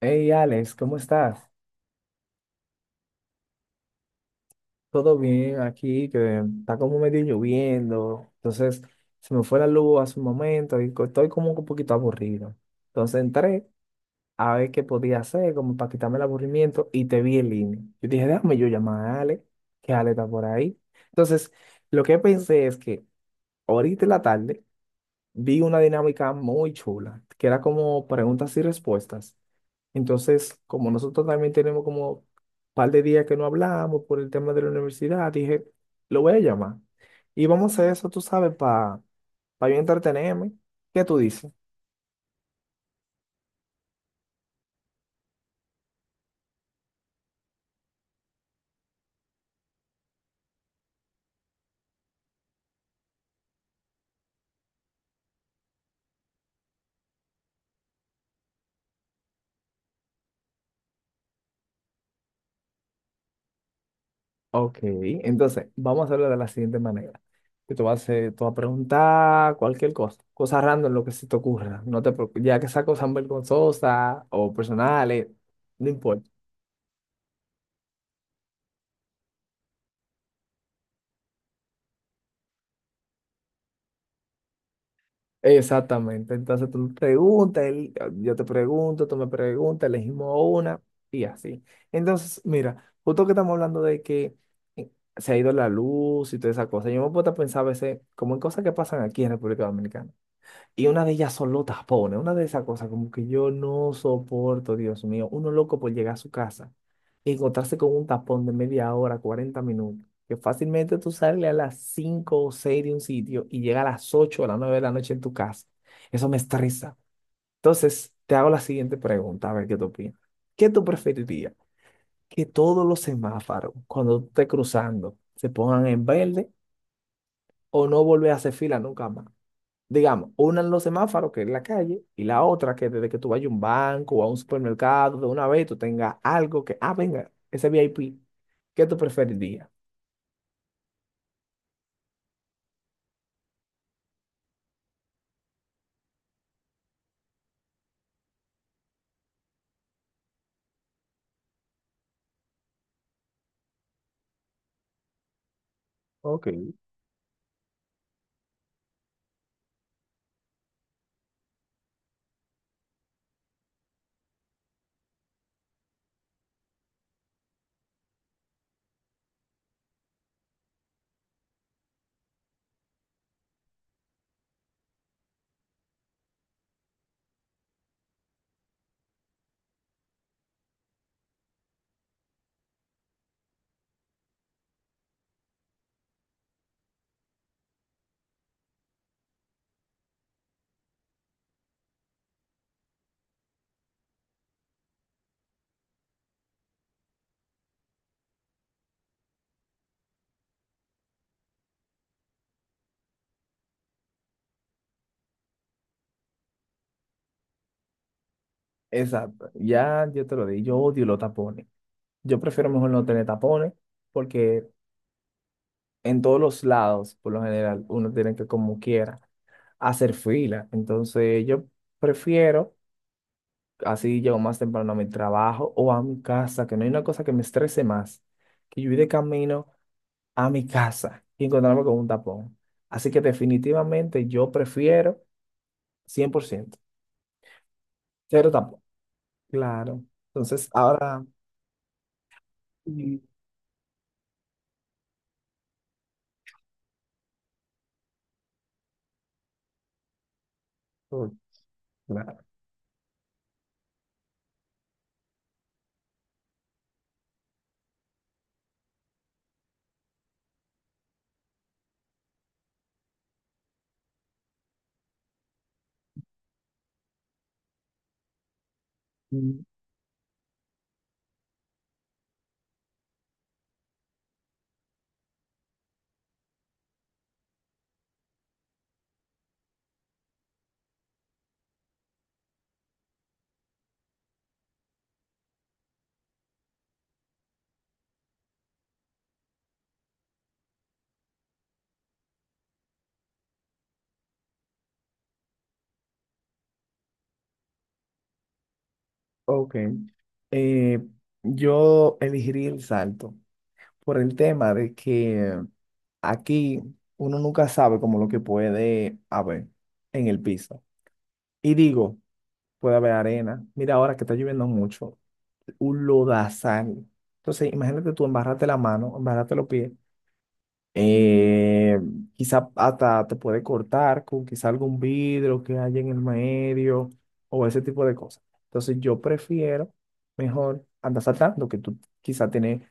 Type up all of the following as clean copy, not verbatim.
Hey Alex, ¿cómo estás? ¿Todo bien aquí? Que está como medio lloviendo. Entonces, se me fue la luz hace un momento y estoy como un poquito aburrido. Entonces entré a ver qué podía hacer, como para quitarme el aburrimiento, y te vi en línea. Yo dije, déjame yo llamar a Alex, que Alex está por ahí. Entonces, lo que pensé es que ahorita en la tarde vi una dinámica muy chula, que era como preguntas y respuestas. Entonces, como nosotros también tenemos como un par de días que no hablamos por el tema de la universidad, dije, lo voy a llamar. Y vamos a hacer eso, tú sabes, para pa yo entretenerme. ¿Qué tú dices? Ok, entonces vamos a hacerlo de la siguiente manera. Que tú tú vas a preguntar cualquier cosa, cosa random, lo que se te ocurra. No te preocupes, ya que sea cosas vergonzosas o personales, no importa. Exactamente. Entonces tú preguntas, yo te pregunto, tú me preguntas, elegimos una y así. Entonces, mira, justo que estamos hablando de que eh, se ha ido la luz y toda esa cosa, yo me puedo a pensar a veces como en cosas que pasan aquí en República Dominicana. Y una de ellas son los tapones, una de esas cosas como que yo no soporto, Dios mío, uno loco por llegar a su casa y encontrarse con un tapón de media hora, 40 minutos, que fácilmente tú sales a las 5 o 6 de un sitio y llegas a las 8 o las 9 de la noche en tu casa. Eso me estresa. Entonces, te hago la siguiente pregunta, a ver qué tú opinas. ¿Qué tú preferirías? ¿Que todos los semáforos, cuando tú estés cruzando, se pongan en verde o no volver a hacer fila nunca más? Digamos, una en los semáforos, que es la calle, y la otra que desde que tú vayas a un banco o a un supermercado, de una vez tú tengas algo que, ah, venga, ese VIP. ¿Qué tú preferirías? Ok. Exacto, ya yo te lo di, yo odio los tapones. Yo prefiero mejor no tener tapones porque en todos los lados, por lo general, uno tiene que como quiera hacer fila. Entonces yo prefiero, así llego más temprano a mi trabajo o a mi casa, que no hay una cosa que me estrese más, que yo ir de camino a mi casa y encontrarme con un tapón. Así que definitivamente yo prefiero 100% cero tapón. Claro. Entonces, ahora. Mm. Oh, claro. Mm. Ok. Eh, yo elegiría el salto por el tema de que aquí uno nunca sabe como lo que puede haber en el piso. Y digo, puede haber arena. Mira ahora que está lloviendo mucho, un lodazal. Entonces, imagínate tú embarrarte la mano, embarrarte los pies. Eh, quizá hasta te puede cortar con quizá algún vidrio que haya en el medio o ese tipo de cosas. Entonces yo prefiero mejor andar saltando, que tú quizá tienes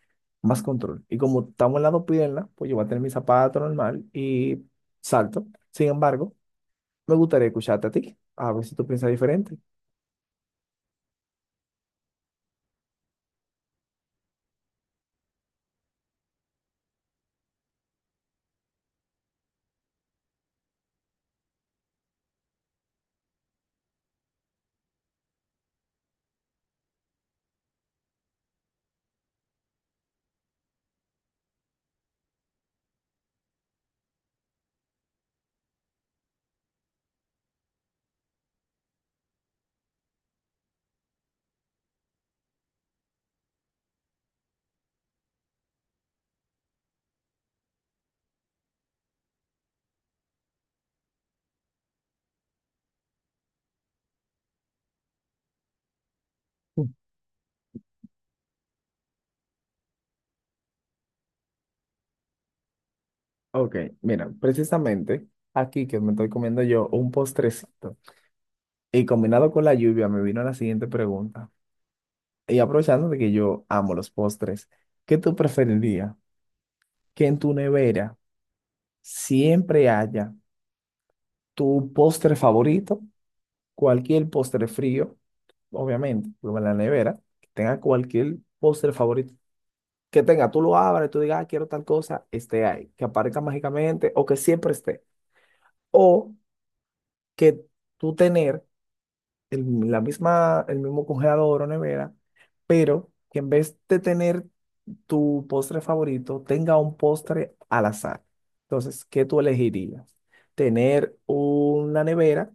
más control. Y como estamos en la dos piernas, pues yo voy a tener mi zapato normal y salto. Sin embargo, me gustaría escucharte a ti, a ver si tú piensas diferente. Mm. Ok, mira, precisamente aquí que me estoy comiendo yo un postrecito y combinado con la lluvia me vino la siguiente pregunta. Y aprovechando de que yo amo los postres, ¿qué tú preferirías? Que en tu nevera siempre haya tu postre favorito, cualquier postre frío, obviamente, como en la nevera, que tenga cualquier postre favorito que tenga, tú lo abres, tú digas, "Ah, quiero tal cosa, esté ahí, que aparezca mágicamente o que siempre esté". O que tú tener el, la misma, el mismo congelador o nevera, pero que en vez de tener tu postre favorito tenga un postre al azar. Entonces, ¿qué tú elegirías? ¿Tener una nevera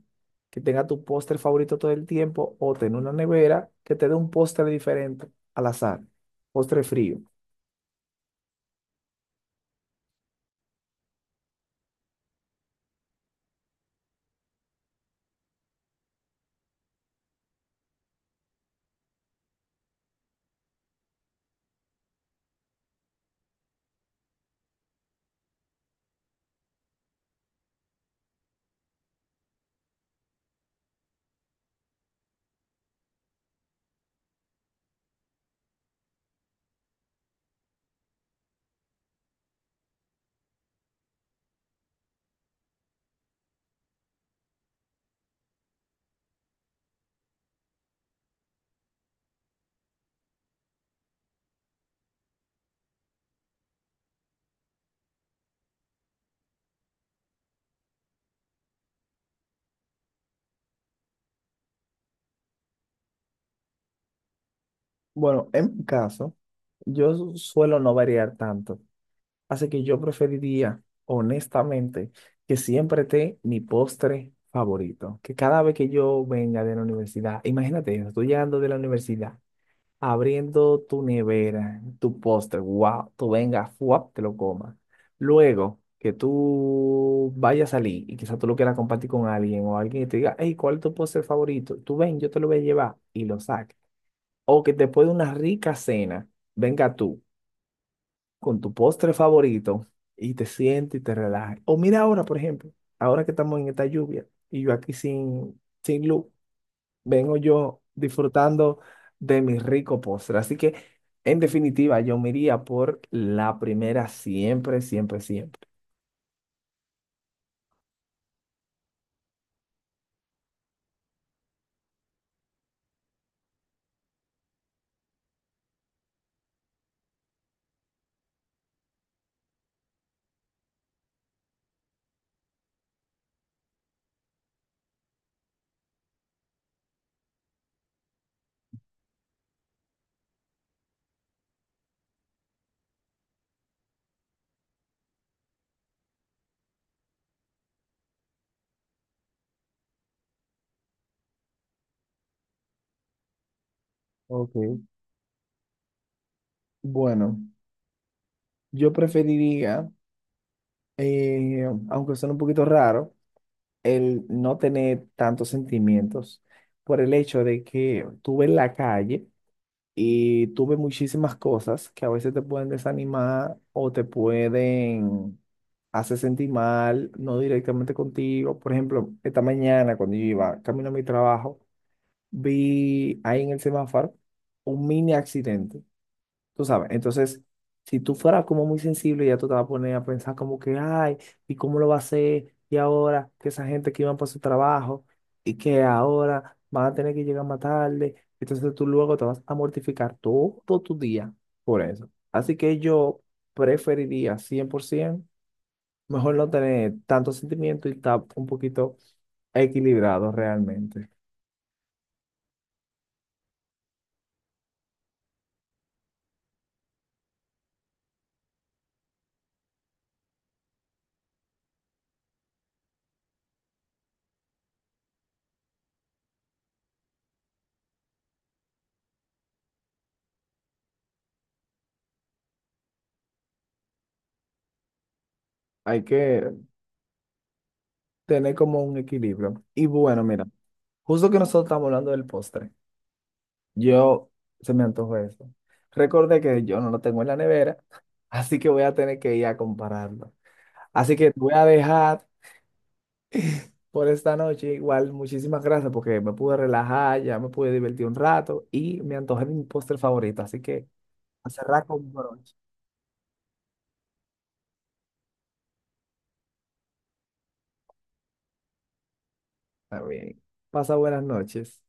que tenga tu postre favorito todo el tiempo o tener una nevera que te dé un postre diferente al azar? Postre frío. Bueno, en mi caso, yo suelo no variar tanto, así que yo preferiría, honestamente, que siempre esté mi postre favorito, que cada vez que yo venga de la universidad, imagínate, yo estoy llegando de la universidad abriendo tu nevera, tu postre, wow, tú vengas, fuap, te lo comas. Luego que tú vayas a salir y quizás tú lo quieras compartir con alguien o alguien que te diga, hey, ¿cuál es tu postre favorito? Tú ven, yo te lo voy a llevar y lo saques. O que después de una rica cena, venga tú con tu postre favorito y te sientes y te relajes. O mira ahora, por ejemplo, ahora que estamos en esta lluvia y yo aquí sin luz vengo yo disfrutando de mi rico postre. Así que, en definitiva, yo me iría por la primera, siempre, siempre, siempre. Ok, bueno, yo preferiría, aunque suene un poquito raro, el no tener tantos sentimientos por el hecho de que tú ves la calle. Y tuve muchísimas cosas que a veces te pueden desanimar o te pueden hacer sentir mal, no directamente contigo. Por ejemplo, esta mañana cuando yo iba camino a mi trabajo, vi ahí en el semáforo un mini accidente. Tú sabes, entonces, si tú fueras como muy sensible, ya tú te vas a poner a pensar como que, ay, ¿y cómo lo va a hacer? Y ahora que esa gente que iban por su trabajo y que ahora van a tener que llegar más tarde, entonces tú luego te vas a mortificar todo tu día por eso. Así que yo preferiría 100%, mejor no tener tanto sentimiento y estar un poquito equilibrado realmente. Hay que tener como un equilibrio. Y bueno, mira, justo que nosotros estamos hablando del postre. Yo se me antojó eso. Recordé que yo no lo tengo en la nevera, así que voy a tener que ir a compararlo. Así que te voy a dejar por esta noche. Igual, muchísimas gracias porque me pude relajar, ya me pude divertir un rato y me antojé de mi postre favorito. Así que a cerrar con broche. Está bien. Pasa buenas noches.